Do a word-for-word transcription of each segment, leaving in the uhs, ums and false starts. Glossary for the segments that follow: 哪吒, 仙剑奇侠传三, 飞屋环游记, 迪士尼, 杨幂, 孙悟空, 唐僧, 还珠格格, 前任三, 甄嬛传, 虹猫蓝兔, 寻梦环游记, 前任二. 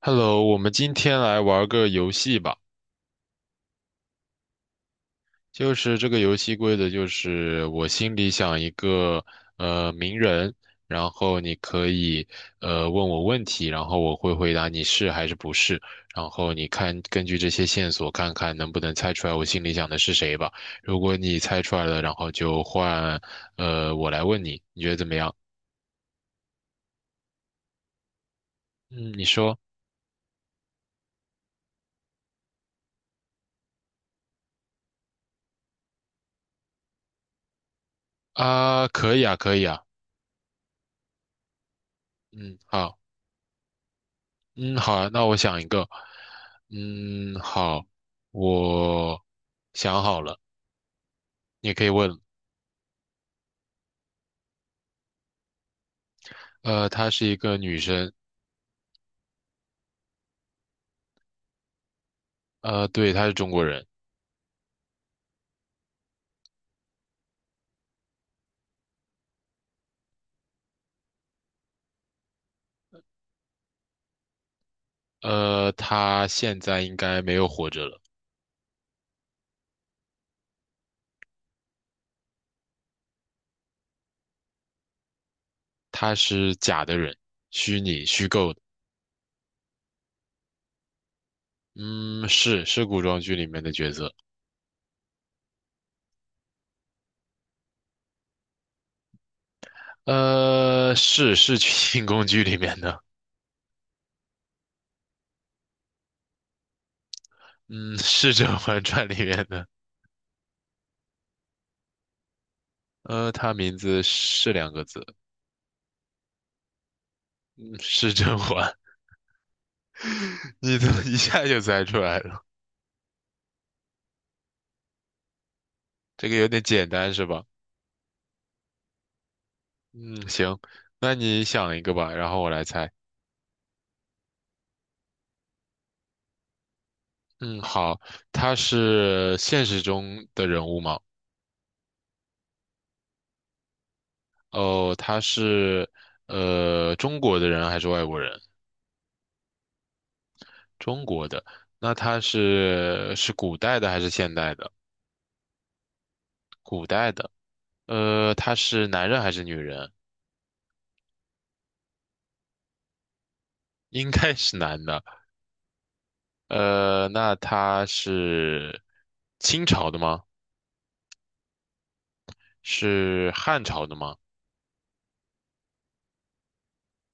Hello，我们今天来玩个游戏吧。就是这个游戏规则就是，我心里想一个呃名人，然后你可以呃问我问题，然后我会回答你是还是不是，然后你看根据这些线索看看能不能猜出来我心里想的是谁吧。如果你猜出来了，然后就换呃我来问你，你觉得怎么样？嗯，你说。啊，可以啊，可以啊。嗯，好。嗯，好啊，那我想一个。嗯，好，我想好了，你也可以问。呃，她是一个女生。呃，对，她是中国人。呃，她现在应该没有活着了。她是假的人，虚拟、虚构的。嗯，是是古装剧里面的角色。呃，是是清宫剧里面的。嗯，是《甄嬛传》里面的。呃，她名字是两个字。嗯，是甄嬛。你怎么 一下就猜出来了？这个有点简单是吧？嗯，行，那你想一个吧，然后我来猜。嗯，好，他是现实中的人物吗？哦，他是呃中国的人还是外国人？中国的。那他是是古代的还是现代的？古代的。呃，他是男人还是女人？应该是男的。呃，那他是清朝的吗？是汉朝的吗？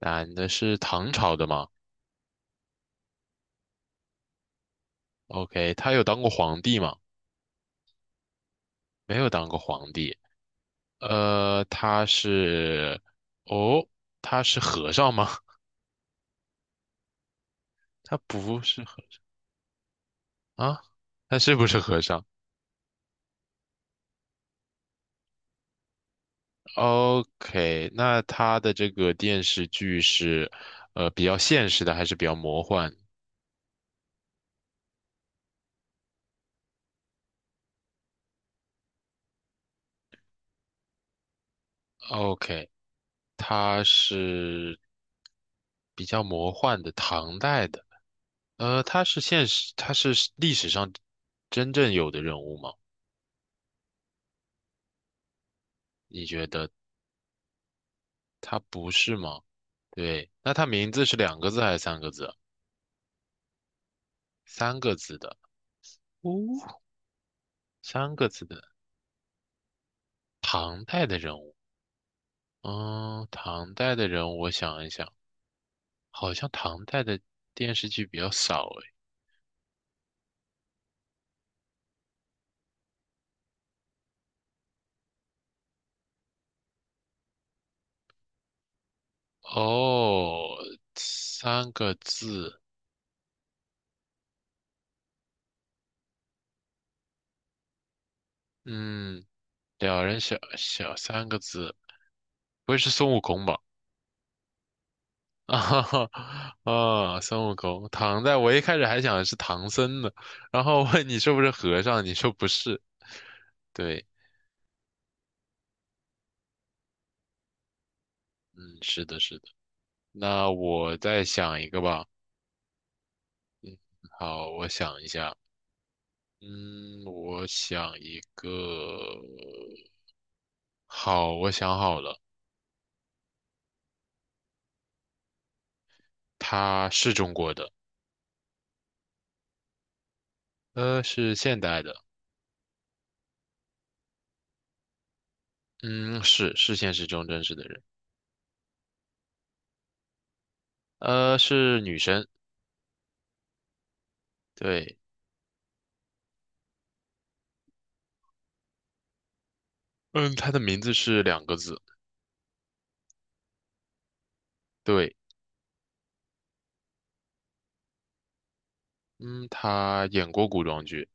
男的是唐朝的吗？OK，他有当过皇帝吗？没有当过皇帝。呃，他是，哦，他是和尚吗？他不是和啊，他是不是和尚？OK，那他的这个电视剧是，呃，比较现实的还是比较魔幻？OK，他是比较魔幻的，唐代的。呃，他是现实，他是历史上真正有的人物吗？你觉得他不是吗？对，那他名字是两个字还是三个字啊，三个字的。哦，三个字的，唐代的人物。嗯，唐代的人物，我想一想，好像唐代的电视剧比较少诶。哦，三个字。嗯，两人小小三个字，不会是孙悟空吧？啊哈哈，啊，孙悟空，唐代，我一开始还想的是唐僧呢，然后问你是不是和尚，你说不是，对。嗯，是的，是的。那我再想一个吧。好，我想一下。嗯，我想一个。好，我想好了，他是中国的。呃，是现代的。嗯，是是现实中真实的人。呃，是女生。对。嗯，她的名字是两个字。对。嗯，她演过古装剧。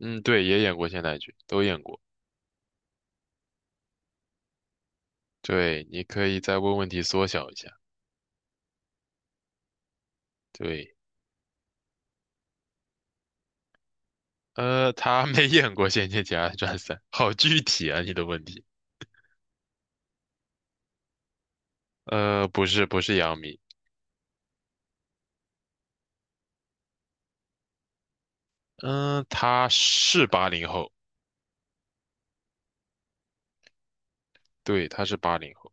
嗯，对，也演过现代剧，都演过。对，你可以再问问题缩小一下，对。呃，他没演过《仙剑奇侠传三》，好具体啊，你的问题。呃，不是，不是杨幂。嗯，他是八零后。对，他是八零后。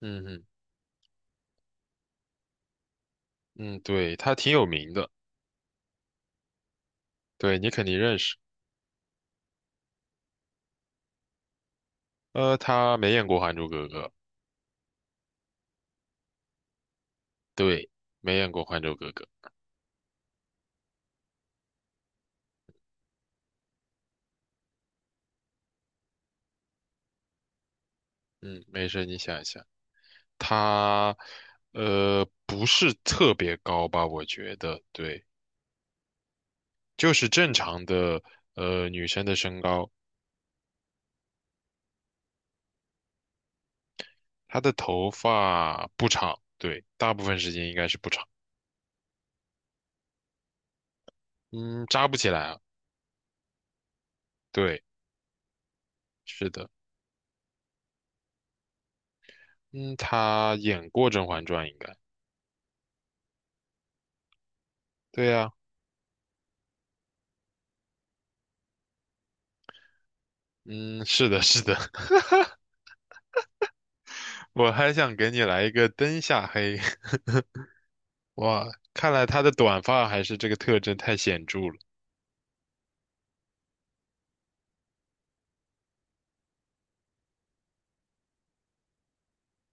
嗯嗯嗯。对，他挺有名的，对，你肯定认识。呃，他没演过《还珠格格》。对，没演过《还珠格格》。嗯，没事，你想一想。他，呃，不是特别高吧？我觉得，对，就是正常的，呃，女生的身高。它的头发不长，对，大部分时间应该是不长。嗯，扎不起来啊。对，是的。嗯，他演过《甄嬛传》应该。对呀，嗯，是的，是的。我还想给你来一个灯下黑。哇，看来他的短发还是这个特征太显著了。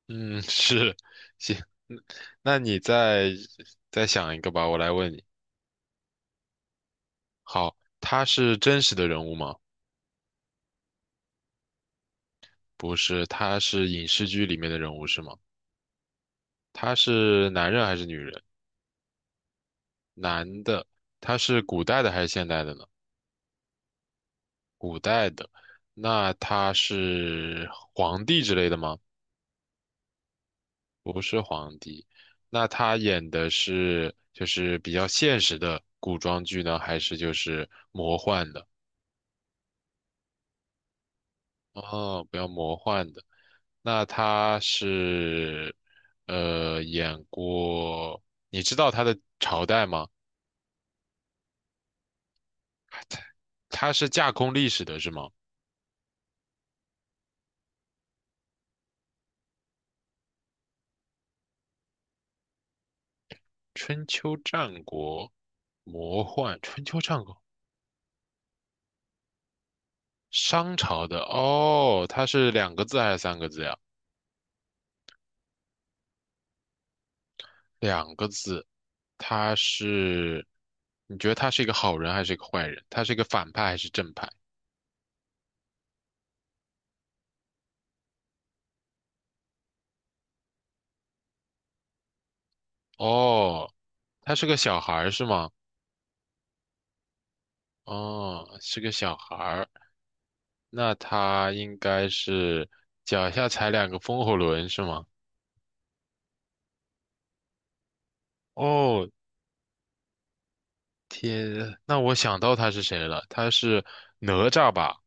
嗯，是，行。嗯，那你再再想一个吧，我来问你。好，他是真实的人物吗？不是，他是影视剧里面的人物是吗？他是男人还是女人？男的。他是古代的还是现代的呢？古代的。那他是皇帝之类的吗？不是皇帝。那他演的是就是比较现实的古装剧呢，还是就是魔幻的？哦，比较魔幻的。那他是呃演过，你知道他的朝代吗？他是架空历史的是吗？春秋战国，魔幻，春秋战国。商朝的哦，他是两个字还是三个字呀？两个字。他是，你觉得他是一个好人还是一个坏人？他是一个反派还是正派？哦，他是个小孩儿是吗？哦，是个小孩儿，那他应该是脚下踩两个风火轮是吗？哦，天，那我想到他是谁了，他是哪吒吧？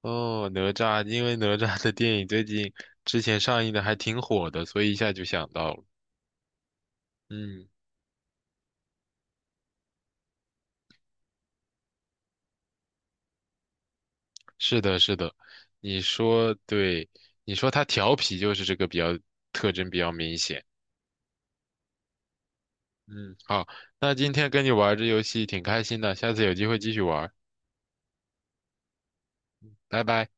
哦，哪吒，因为哪吒的电影最近之前上映的还挺火的，所以一下就想到了。嗯，是的，是的，你说对，你说他调皮就是这个比较特征比较明显。嗯，好，那今天跟你玩儿这游戏挺开心的，下次有机会继续玩儿。拜拜。